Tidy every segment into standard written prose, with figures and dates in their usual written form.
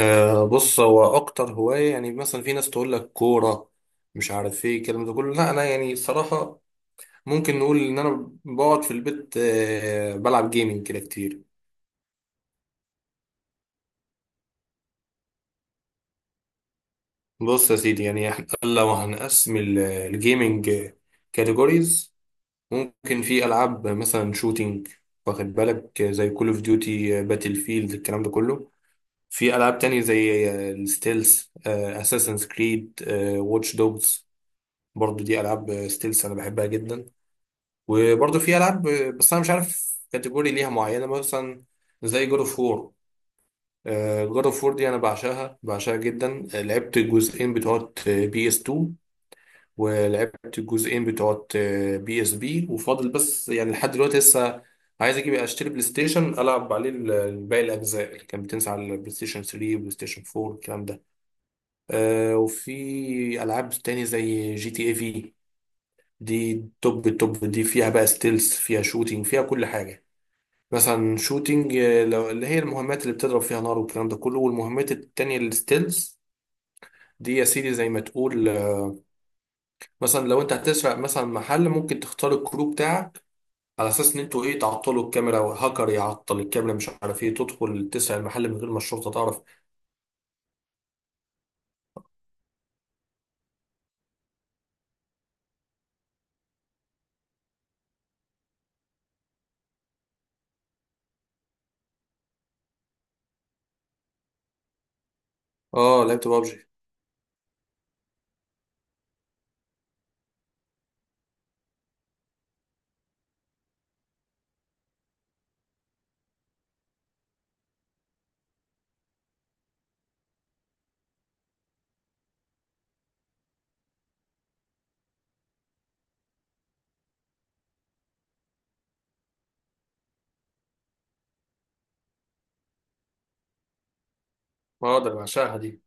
بص، هو اكتر هوايه يعني مثلا في ناس تقول لك كوره مش عارف ايه الكلام ده كله. لا انا يعني صراحه ممكن نقول ان انا بقعد في البيت، بلعب جيمنج كده كتير. بص يا سيدي، يعني إحنا لو هنقسم الجيمنج كاتيجوريز، ممكن في العاب مثلا شوتينج، واخد بالك؟ زي كول اوف ديوتي، باتل فيلد، الكلام ده كله. في العاب تانية زي الستيلز، اساسنز كريد، واتش دوجز، برضو دي العاب ستيلز انا بحبها جدا. وبرضه في العاب، بس انا مش عارف كاتيجوري ليها معينه، مثلا زي جود اوف وور. جود اوف وور دي انا بعشقها بعشقها جدا. لعبت الجزئين بتوع بي اس 2، ولعبت الجزئين بتوع بي اس بي، وفاضل بس يعني لحد دلوقتي لسه عايز اجيب اشتري بلاي ستيشن العب عليه باقي الاجزاء اللي كانت بتنزل على البلاي ستيشن 3، بلاي ستيشن 4، الكلام ده. وفي العاب تاني زي جي تي اي في. دي توب التوب، دي فيها بقى ستيلز، فيها شوتينج، فيها كل حاجه. مثلا شوتينج، لو اللي هي المهمات اللي بتضرب فيها نار والكلام ده كله، والمهمات التانية الستيلز، دي يا سيدي زي ما تقول. مثلا لو انت هتسرق مثلا محل، ممكن تختار الكرو بتاعك على اساس ان انتوا ايه، تعطلوا الكاميرا، وهاكر يعطل الكاميرا، مش عارف ايه، تدخل تسرق المحل من غير ما الشرطة تعرف. اه، لعبت بابجي. ما اقدر، بعشقها دي.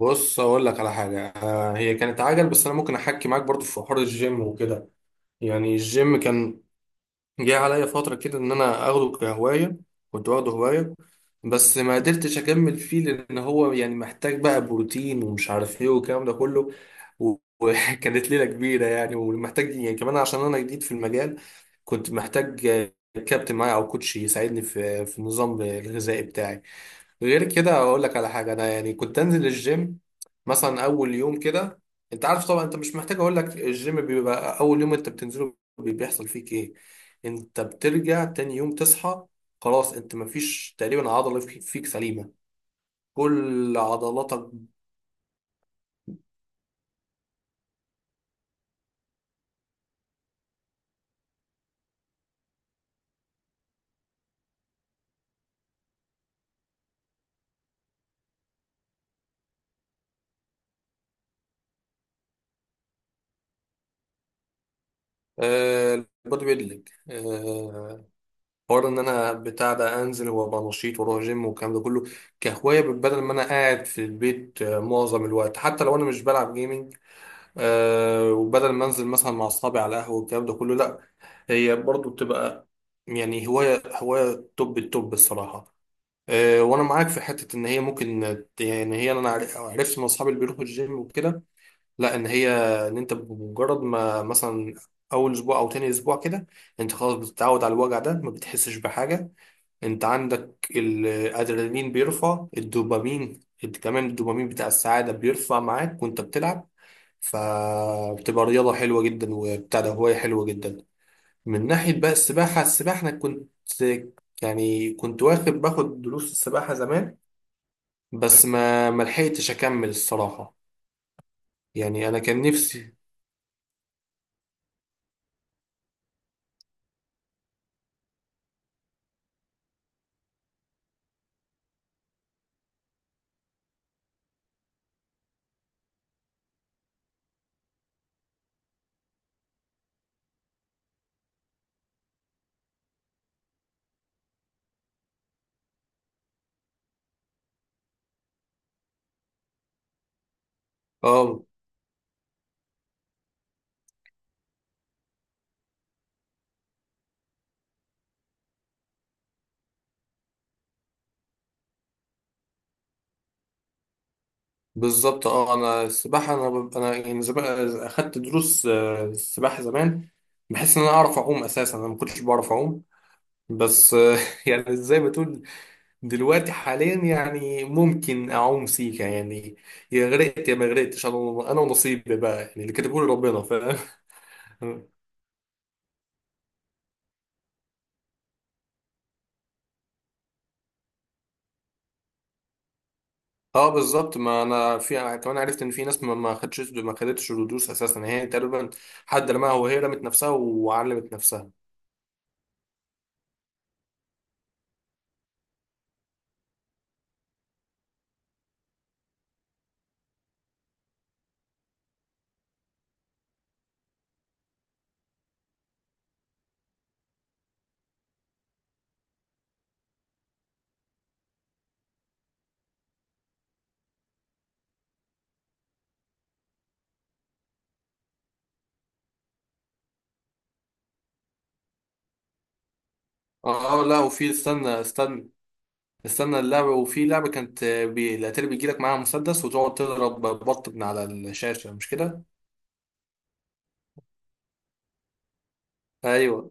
بص اقول لك على حاجة، هي كانت عجل بس انا ممكن احكي معاك برضو في حوار الجيم وكده. يعني الجيم كان جه عليا فترة كده إن أنا أخده كهواية، كنت واخده هواية، بس ما قدرتش أكمل فيه لأن هو يعني محتاج بقى بروتين ومش عارف إيه والكلام ده كله. و- وكانت ليلة كبيرة يعني، ومحتاج يعني كمان عشان أنا جديد في المجال، كنت محتاج كابتن معايا أو كوتش يساعدني في النظام الغذائي بتاعي. غير كده، اقول لك على حاجه، انا يعني كنت انزل الجيم مثلا اول يوم كده. انت عارف طبعا، انت مش محتاج اقول لك الجيم بيبقى اول يوم انت بتنزله بيحصل فيك ايه. انت بترجع تاني يوم تصحى خلاص، انت مفيش تقريبا عضله فيك سليمه، كل عضلاتك. البودي ويت ليج، حوار ان انا بتاع ده انزل وابقى نشيط واروح جيم والكلام ده كله، كهوايه، بدل ما انا قاعد في البيت معظم الوقت حتى لو انا مش بلعب جيمنج. وبدل ما انزل مثلا مع اصحابي على قهوه والكلام ده كله، لا هي برضو بتبقى يعني هوايه، هوايه توب التوب الصراحه. وانا معاك في حته ان هي ممكن، يعني هي انا عرفت من اصحابي اللي بيروحوا الجيم وكده، لا ان هي، ان انت بمجرد ما مثلا اول اسبوع او تاني اسبوع كده، انت خلاص بتتعود على الوجع ده، ما بتحسش بحاجه. انت عندك الادرينالين بيرفع الدوبامين، انت كمان الدوبامين بتاع السعادة بيرفع معاك وانت بتلعب، فبتبقى رياضة حلوة جدا، وبتاع ده هواية حلوة جدا. من ناحية بقى السباحة، السباحة انا كنت، يعني كنت باخد دروس السباحة زمان، بس ما لحقتش اكمل الصراحة، يعني انا كان نفسي. اه بالظبط. اه انا السباحة، انا يعني زمان اخدت دروس السباحة زمان. بحس ان انا اعرف اعوم، اساسا انا ما كنتش بعرف اعوم. بس يعني زي ما تقول، دلوقتي حاليا يعني ممكن اعوم سيكا يعني، يا غرقت يا ما غرقتش، انا ونصيبي بقى يعني اللي كتبه لي ربنا، فاهم؟ اه بالظبط، ما انا في يعني كمان عرفت ان في ناس ما خدتش الدروس اساسا، هي تقريبا حد رماها وهي رمت نفسها وعلمت نفسها. اه لا، وفي، استنى استنى استنى اللعبة، وفي لعبة كانت الاتاري بيجيلك معاها مسدس وتقعد تضرب بط من على الشاشة، مش كده؟ ايوه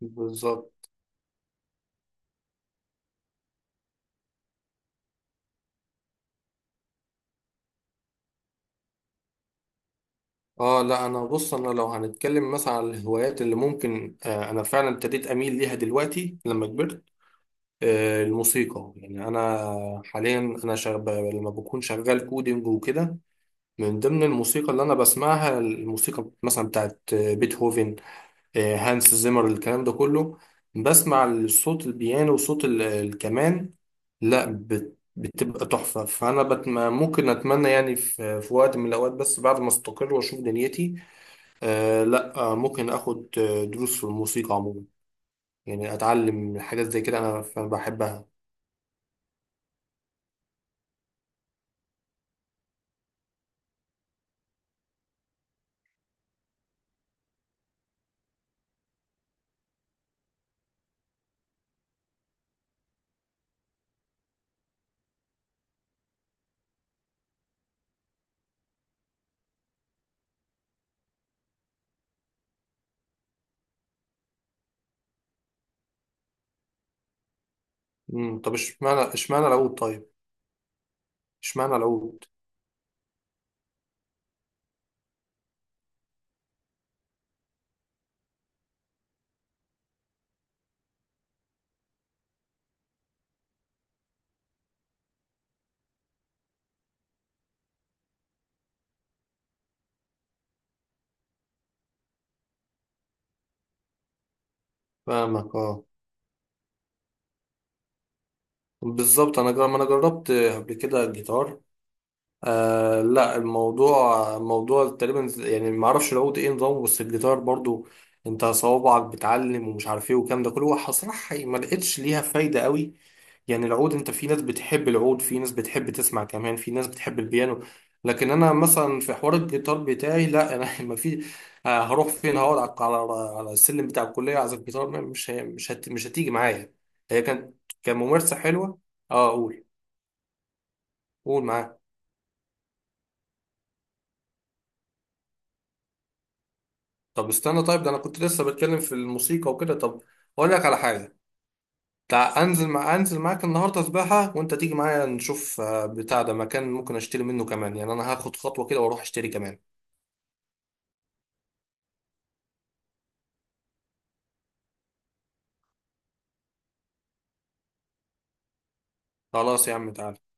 بالظبط. اه لا انا بص، انا لو هنتكلم مثلا على الهوايات اللي ممكن، انا فعلا ابتديت اميل ليها دلوقتي لما كبرت. الموسيقى يعني انا، حاليا انا شغب لما بكون شغال كودينج وكده. من ضمن الموسيقى اللي انا بسمعها، الموسيقى مثلا بتاعت بيتهوفن، هانس زيمر، الكلام ده كله. بسمع صوت البيانو وصوت الكمان، لا بتبقى تحفة. فأنا ممكن أتمنى يعني في وقت من الأوقات، بس بعد ما أستقر وأشوف دنيتي. لا، ممكن اخد دروس في الموسيقى عموما، يعني اتعلم حاجات زي كده، انا بحبها. مم. طب اشمعنى العود طيب؟ اشمعنى العود؟ فاهمك، اه. بالظبط انا ما انا جربت قبل كده الجيتار. لا الموضوع، موضوع تقريبا يعني ما اعرفش العود ايه نظامه، بس الجيتار برضو انت صوابعك بتعلم ومش عارف ايه والكلام ده كله، هو صراحة ما لقيتش ليها فايدة قوي. يعني العود، انت في ناس بتحب العود، في ناس بتحب تسمع كمان، في ناس بتحب البيانو، لكن انا مثلا في حوار الجيتار بتاعي لا. انا ما في، هروح فين؟ هقعد على على السلم بتاع الكليه اعزف جيتار؟ مش هتيجي معايا، هي كانت كممارسه حلوه. اه اقول. قول معاه. طب استنى طيب، ده انا كنت لسه بتكلم في الموسيقى وكده. طب اقول لك على حاجه، انزل معاك النهارده سباحه، وانت تيجي معايا نشوف بتاع ده مكان ممكن اشتري منه كمان، يعني انا هاخد خطوه كده واروح اشتري كمان. خلاص يا عم، تعالى.